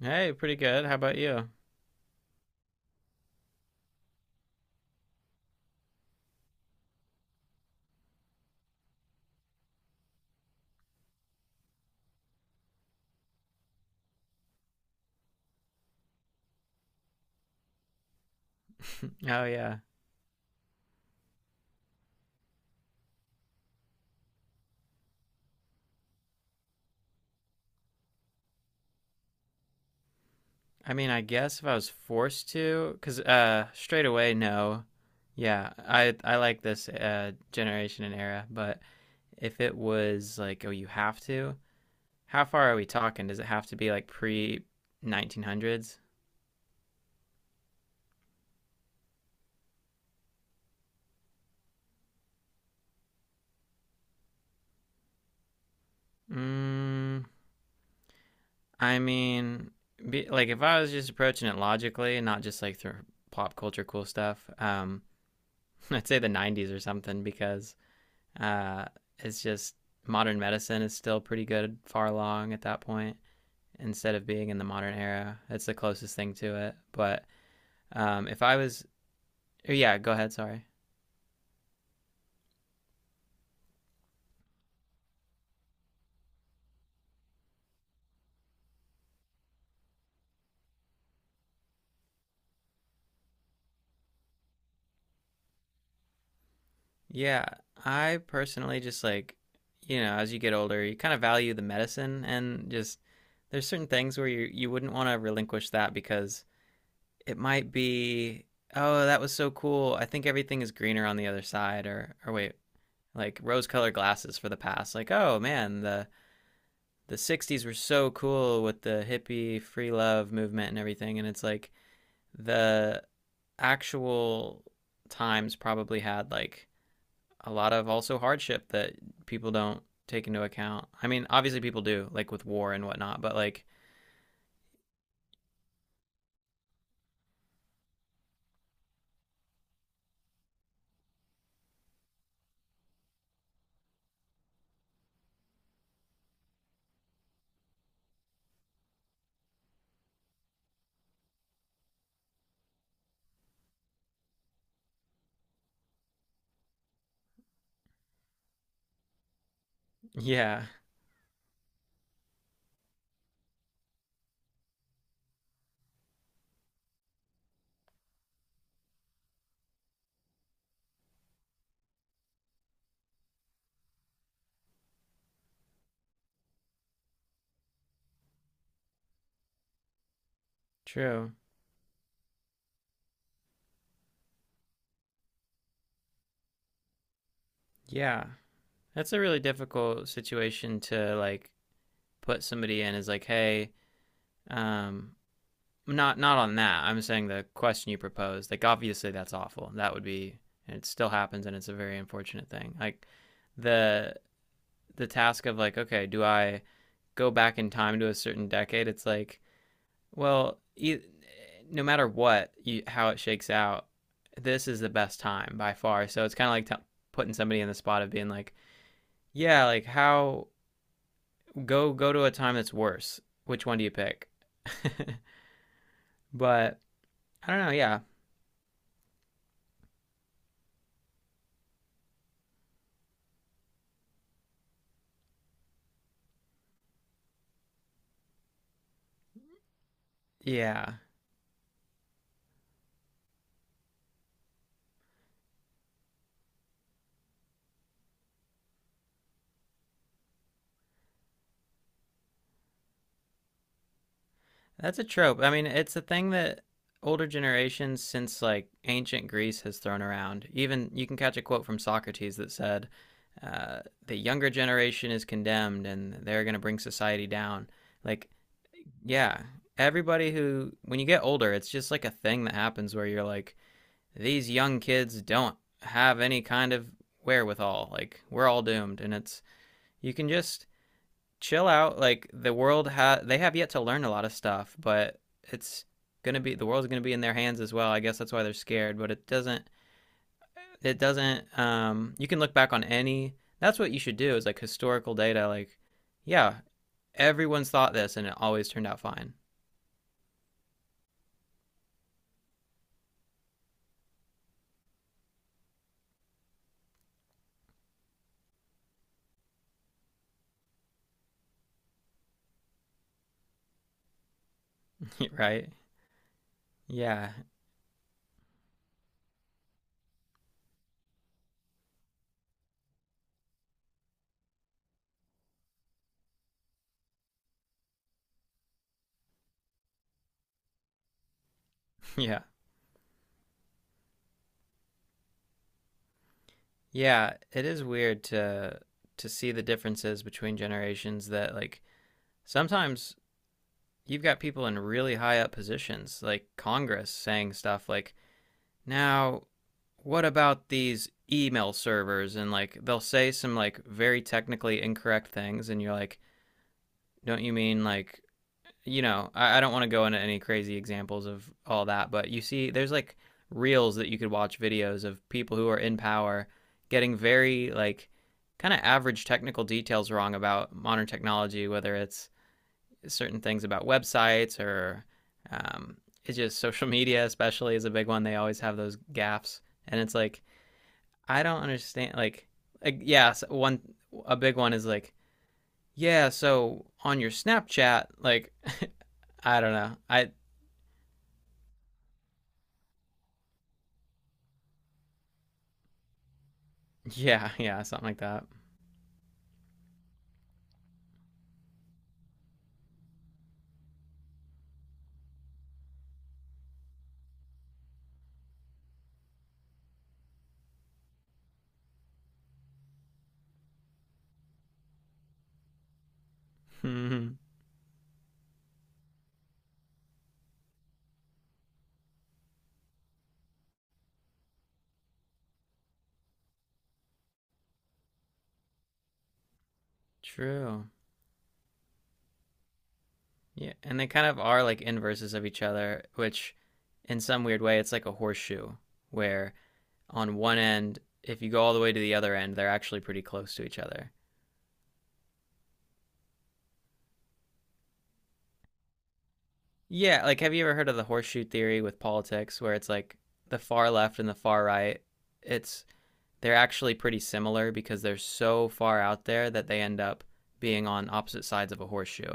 Hey, pretty good. How about you? Oh yeah. I mean, I guess if I was forced to, 'cause straight away no. Yeah, I like this generation and era, but if it was like, oh, you have to, how far are we talking? Does it have to be like pre 1900s? Mm, I mean, like if I was just approaching it logically, and not just like through pop culture cool stuff, I'd say the 90s or something because Uh, it's just modern medicine is still pretty good, far along at that point, instead of being in the modern era. It's the closest thing to it. But if I was, oh, yeah, go ahead. Sorry. Yeah, I personally just like, you know, as you get older, you kind of value the medicine and just there's certain things where you wouldn't want to relinquish that because it might be oh, that was so cool. I think everything is greener on the other side, or wait, like rose colored glasses for the past, like oh man, the 60s were so cool with the hippie free love movement and everything, and it's like the actual times probably had like a lot of also hardship that people don't take into account. I mean, obviously people do, like with war and whatnot, but like yeah, true, yeah, that's a really difficult situation to like put somebody in, is like hey, um not on that. I'm saying the question you proposed, like obviously that's awful. That would be and it still happens, and it's a very unfortunate thing. Like the the task of like, okay, do I go back in time to a certain decade? It's like, well, no matter what, you, how it shakes out, this is the best time by far. So it's kind of like putting somebody in the spot of being like, yeah, like how go to a time that's worse. Which one do you pick? But I don't know, yeah. Yeah. That's a trope. I mean, it's a thing that older generations since like ancient Greece has thrown around. Even you can catch a quote from Socrates that said, uh, "The younger generation is condemned, and they're going to bring society down." Like, yeah, everybody who when you get older, it's just like a thing that happens where you're like, these young kids don't have any kind of wherewithal. Like, we're all doomed, and it's you can just chill out. Like the world ha they have yet to learn a lot of stuff, but it's gonna be the world's gonna be in their hands as well. I guess that's why they're scared. But it doesn't you can look back on any, that's what you should do, is like historical data, like yeah, everyone's thought this and it always turned out fine. Right, yeah yeah yeah, it is weird to see the differences between generations that like sometimes you've got people in really high up positions like congress saying stuff like now, what about these email servers, and like they'll say some like very technically incorrect things and you're like, don't you mean like, you know, I don't want to go into any crazy examples of all that, but you see, there's like reels that you could watch, videos of people who are in power getting very like kind of average technical details wrong about modern technology, whether it's certain things about websites or um, it's just social media, especially, is a big one. They always have those gaffes, and it's like I don't understand. Like yeah, so one a big one is like yeah, so on your Snapchat, like I don't know, I yeah, something like that. True. Yeah, and they kind of are like inverses of each other, which in some weird way it's like a horseshoe where on one end, if you go all the way to the other end, they're actually pretty close to each other. Yeah, like have you ever heard of the horseshoe theory with politics where it's like the far left and the far right, it's they're actually pretty similar because they're so far out there that they end up being on opposite sides of a horseshoe.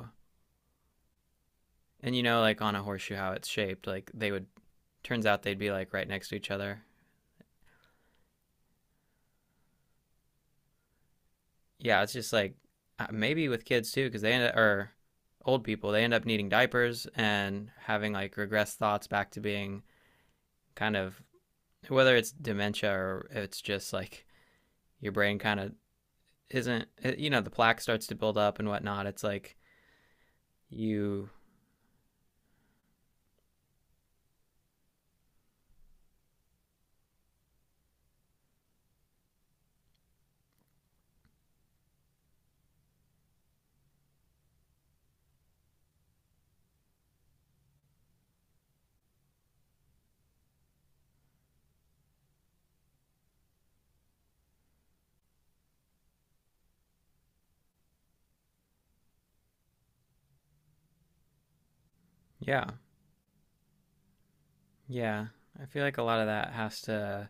And you know like on a horseshoe how it's shaped, like they would turns out they'd be like right next to each other. Yeah, it's just like maybe with kids too, because they end up, or old people, they end up needing diapers and having like regressed thoughts back to being kind of whether it's dementia or it's just like your brain kind of isn't, you know, the plaque starts to build up and whatnot. It's like you, yeah, yeah. I feel like a lot of that has to,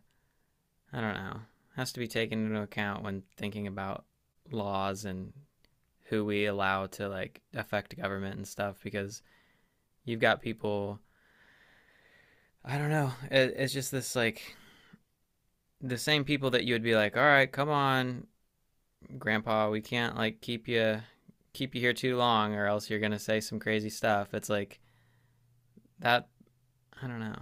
I don't know, has to be taken into account when thinking about laws and who we allow to like affect government and stuff because you've got people I don't know. It's just this like the same people that you would be like, all right, come on, Grandpa, we can't like keep you here too long, or else you're gonna say some crazy stuff. It's like that. I don't know.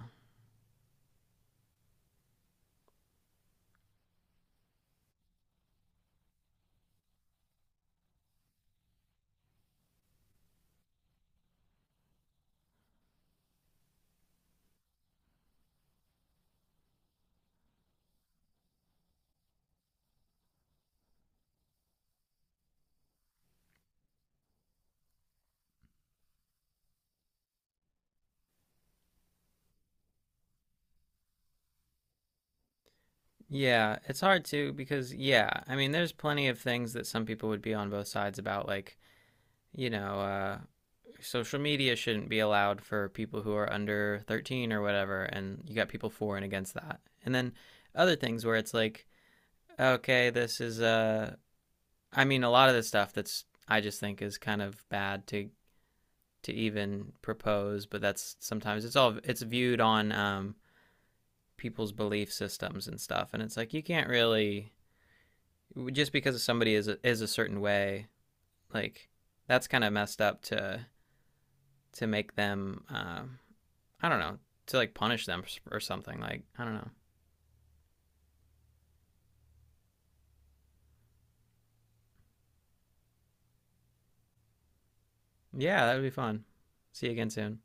Yeah, it's hard to because yeah, I mean, there's plenty of things that some people would be on both sides about, like you know, social media shouldn't be allowed for people who are under 13 or whatever, and you got people for and against that, and then other things where it's like okay, this is I mean, a lot of the stuff that's I just think is kind of bad to even propose, but that's sometimes it's all it's viewed on people's belief systems and stuff, and it's like you can't really just because somebody is is a certain way, like that's kind of messed up to make them, I don't know, to like punish them or something. Like I don't know. Yeah, that would be fun. See you again soon.